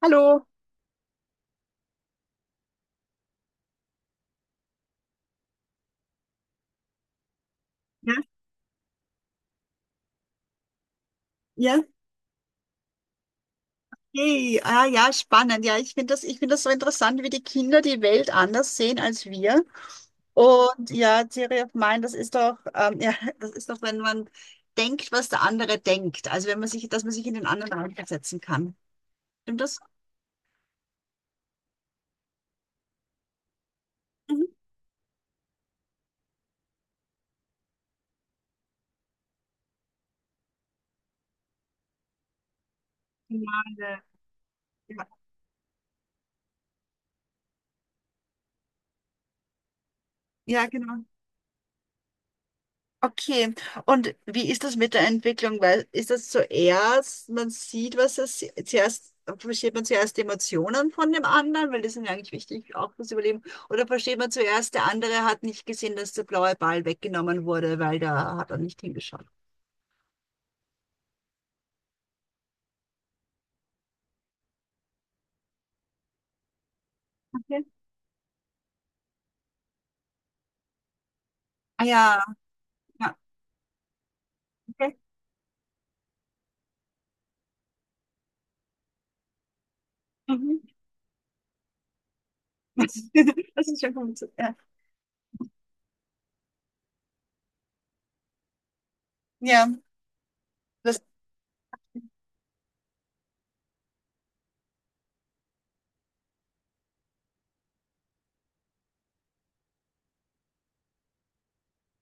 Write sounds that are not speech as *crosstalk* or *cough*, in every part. Hallo. Ja, ja, hey, ah, ja, spannend. Ja, ich finde das so interessant, wie die Kinder die Welt anders sehen als wir. Und ja, Theory of Mind, das ist doch, ja, *laughs* das ist doch, wenn man denkt, was der andere denkt. Also wenn man sich, dass man sich in den anderen reinversetzen kann. Stimmt das? Mhm. Ja, ja, ja, genau. Okay, und wie ist das mit der Entwicklung? Weil ist das zuerst, man sieht, was es zuerst, versteht man zuerst die Emotionen von dem anderen, weil die sind ja eigentlich wichtig auch fürs Überleben, oder versteht man zuerst, der andere hat nicht gesehen, dass der blaue Ball weggenommen wurde, weil da hat er nicht hingeschaut. Okay. Ah ja, ja, okay. Mhm. *laughs* Das ist schon gut. Ja, ja, das,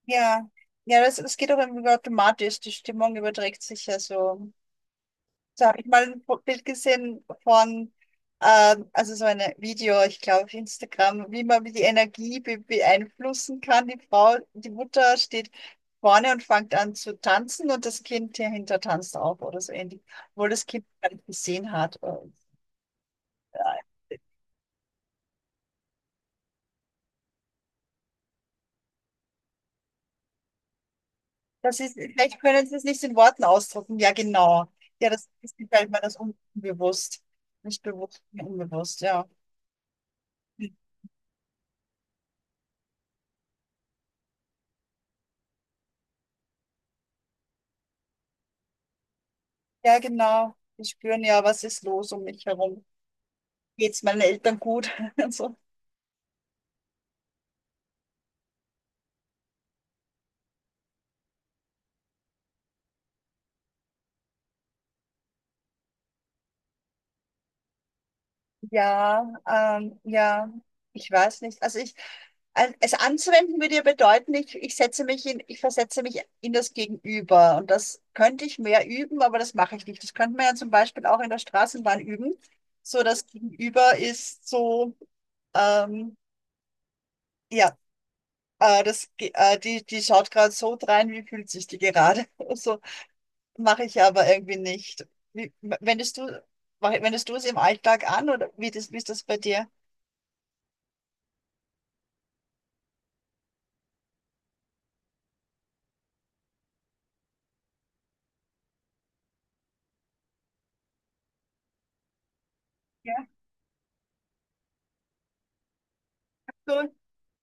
ja, ja, das geht auch irgendwie automatisch. Die Stimmung überträgt sich ja so. Da habe ich mal ein Bild gesehen von, also so ein Video, ich glaube auf Instagram, wie man die Energie be beeinflussen kann. Die Frau, die Mutter steht vorne und fängt an zu tanzen und das Kind dahinter tanzt auch oder so ähnlich, obwohl das Kind gar nicht gesehen hat. Und, äh, das ist, vielleicht können Sie es nicht in Worten ausdrücken. Ja, genau. Ja, das ist gefällt mir das unbewusst. Nicht bewusst, unbewusst, ja. Ja, genau. Die spüren ja, was ist los um mich herum. Geht's meinen Eltern gut? *laughs* Und so. Ja, ja, ich weiß nicht. Also ich, es anzuwenden würde ja bedeuten, ich setze mich in, ich versetze mich in das Gegenüber. Und das könnte ich mehr üben, aber das mache ich nicht. Das könnte man ja zum Beispiel auch in der Straßenbahn üben. So, das Gegenüber ist so, ähm, ja, das, die schaut gerade so drein, wie fühlt sich die gerade? *laughs* So, mache ich aber irgendwie nicht. Wie, wendest du es im Alltag an oder wie, das, wie ist das bei dir? Ja, so,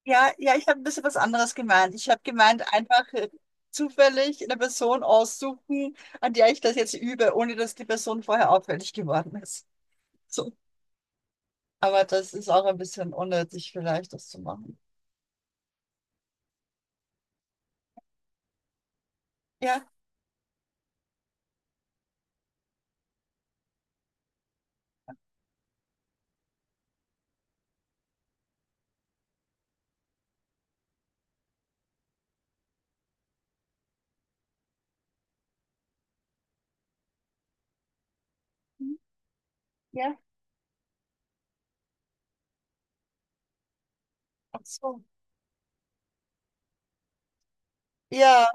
ja, ja, ich habe ein bisschen was anderes gemeint. Ich habe gemeint, einfach zufällig eine Person aussuchen, an der ich das jetzt übe, ohne dass die Person vorher auffällig geworden ist. So. Aber das ist auch ein bisschen unnötig, vielleicht das zu machen. Ja. Mhm. Ja. Ach so. Ja.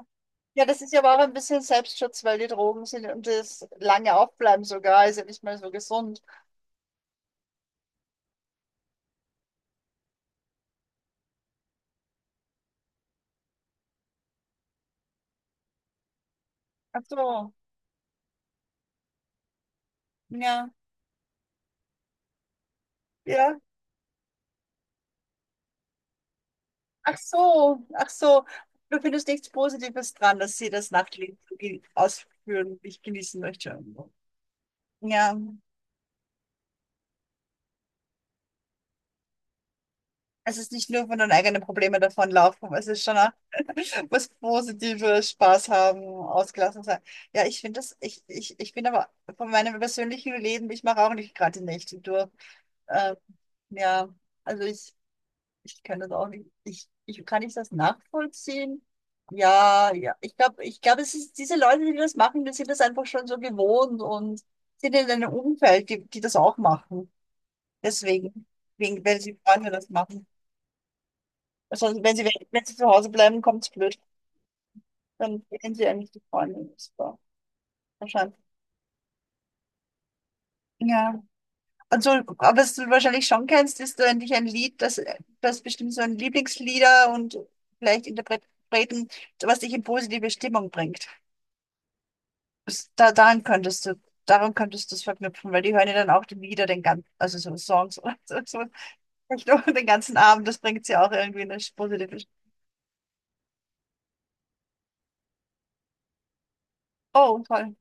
Ja, das ist ja aber auch ein bisschen Selbstschutz, weil die Drogen sind und das lange aufbleiben sogar, ist ja nicht mehr so gesund. Ach so, ja. Ja, ach so, ach so. Du findest nichts Positives dran, dass sie das Nachtleben ausführen, ich genießen möchte. Ja, es ist nicht nur von den eigenen Problemen davonlaufen, es ist schon auch was Positives, Spaß haben, ausgelassen sein. Ja, ich bin aber von meinem persönlichen Leben, ich mache auch nicht gerade die Nächte durch. Ähm, ja, also ich kann das auch nicht. Ich kann ich das nachvollziehen. Ja, ja. Ich glaube, es ist diese Leute, die das machen, die sind das einfach schon so gewohnt und sind in einem Umfeld, die, die das auch machen. Deswegen, wegen, wenn sie Freunde das machen. Also wenn sie zu Hause bleiben, kommt es blöd. Dann kennen sie eigentlich die Freunde. Das war wahrscheinlich. Ja. Also, aber was du wahrscheinlich schon kennst, ist eigentlich ein Lied, das, das bestimmt so ein Lieblingslieder und vielleicht Interpreten, was dich in positive Stimmung bringt. Da, daran könntest du es verknüpfen, weil die hören ja dann auch die Lieder, den ganzen, also so Songs oder so, nicht nur den ganzen Abend, das bringt sie auch irgendwie in eine positive. Oh, toll.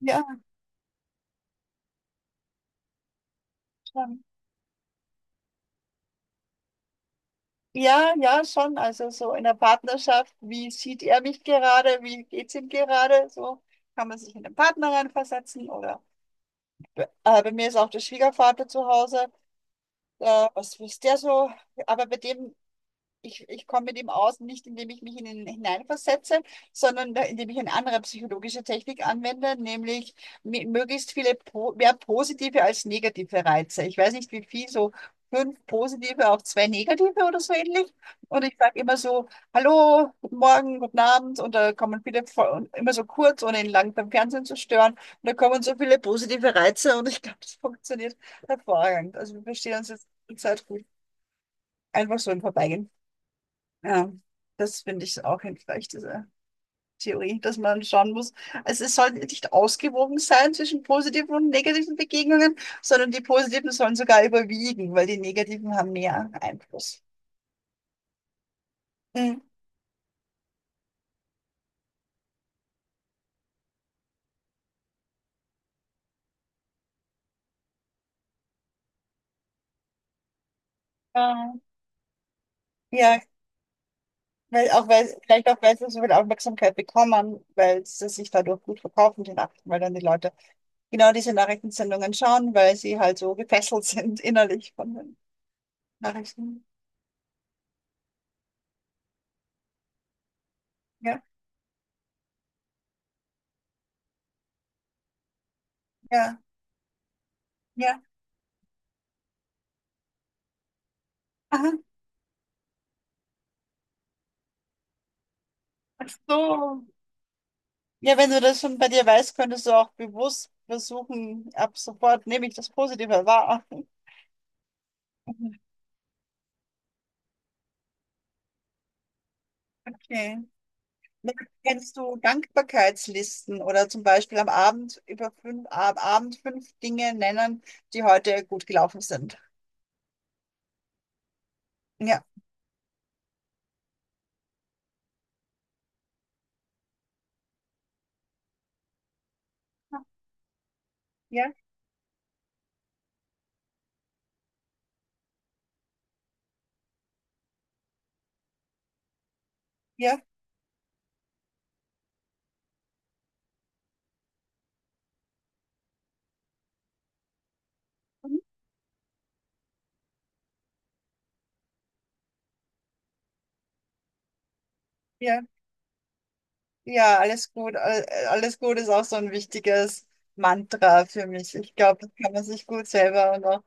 Ja, schon. Ja, ja, schon. Also so in der Partnerschaft, wie sieht er mich gerade, wie geht's ihm gerade? So kann man sich in den Partner reinversetzen oder bei mir ist auch der Schwiegervater zu Hause. Was ist der so? Aber bei dem ich komme mit ihm aus, nicht indem ich mich in ihn hineinversetze, sondern indem ich eine andere psychologische Technik anwende, nämlich möglichst viele, mehr positive als negative Reize. Ich weiß nicht, wie viel, so fünf positive auf zwei negative oder so ähnlich. Und ich sage immer so, hallo, guten Morgen, guten Abend. Und da kommen viele, und immer so kurz, ohne ihn lang beim Fernsehen zu stören. Und da kommen so viele positive Reize und ich glaube, das funktioniert hervorragend. Also wir verstehen uns jetzt die Zeit gut. Einfach so im Vorbeigehen. Ja, das finde ich auch hilfreich, diese Theorie, dass man schauen muss. Also es soll nicht ausgewogen sein zwischen positiven und negativen Begegnungen, sondern die positiven sollen sogar überwiegen, weil die negativen haben mehr Einfluss. Mhm. Ja, ja, weil auch weil, vielleicht auch, weil sie so viel Aufmerksamkeit bekommen, weil sie sich dadurch gut verkaufen, die Nachrichten, weil dann die Leute genau diese Nachrichtensendungen schauen, weil sie halt so gefesselt sind innerlich von den Nachrichten. Ja, ja, ja. Aha, ach so. Ja, wenn du das schon bei dir weißt, könntest du auch bewusst versuchen, ab sofort nehme ich das Positive wahr. Okay. Na, kennst du Dankbarkeitslisten oder zum Beispiel am Abend über fünf, ab Abend fünf Dinge nennen, die heute gut gelaufen sind? Ja, ja, ja, mhm. Ja, ja, alles gut. Alles gut ist auch so ein wichtiges Mantra für mich. Ich glaube, das kann man sich gut selber und auch,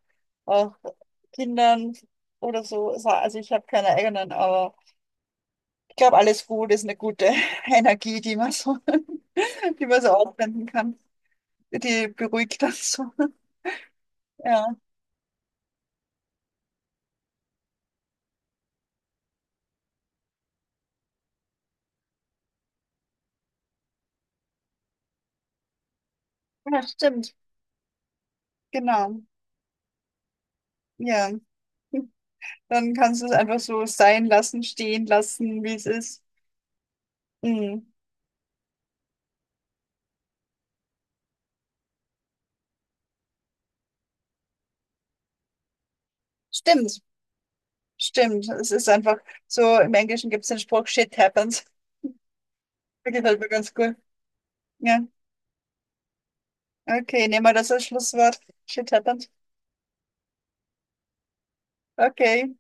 auch Kindern oder so sagen. Also ich habe keine eigenen, aber ich glaube, alles gut ist eine gute *laughs* Energie, die man so, *laughs* die man so aufwenden kann. Die beruhigt das so. *laughs* Ja, ja, stimmt. Genau. Ja. Dann kannst du es einfach so sein lassen, stehen lassen, wie es ist. Mhm. Stimmt. Stimmt. Es ist einfach so, im Englischen gibt es den Spruch, shit happens. *laughs* Der gefällt mir ganz gut. Ja. Okay, nehmen wir das als Schlusswort. Shit happens. Okay.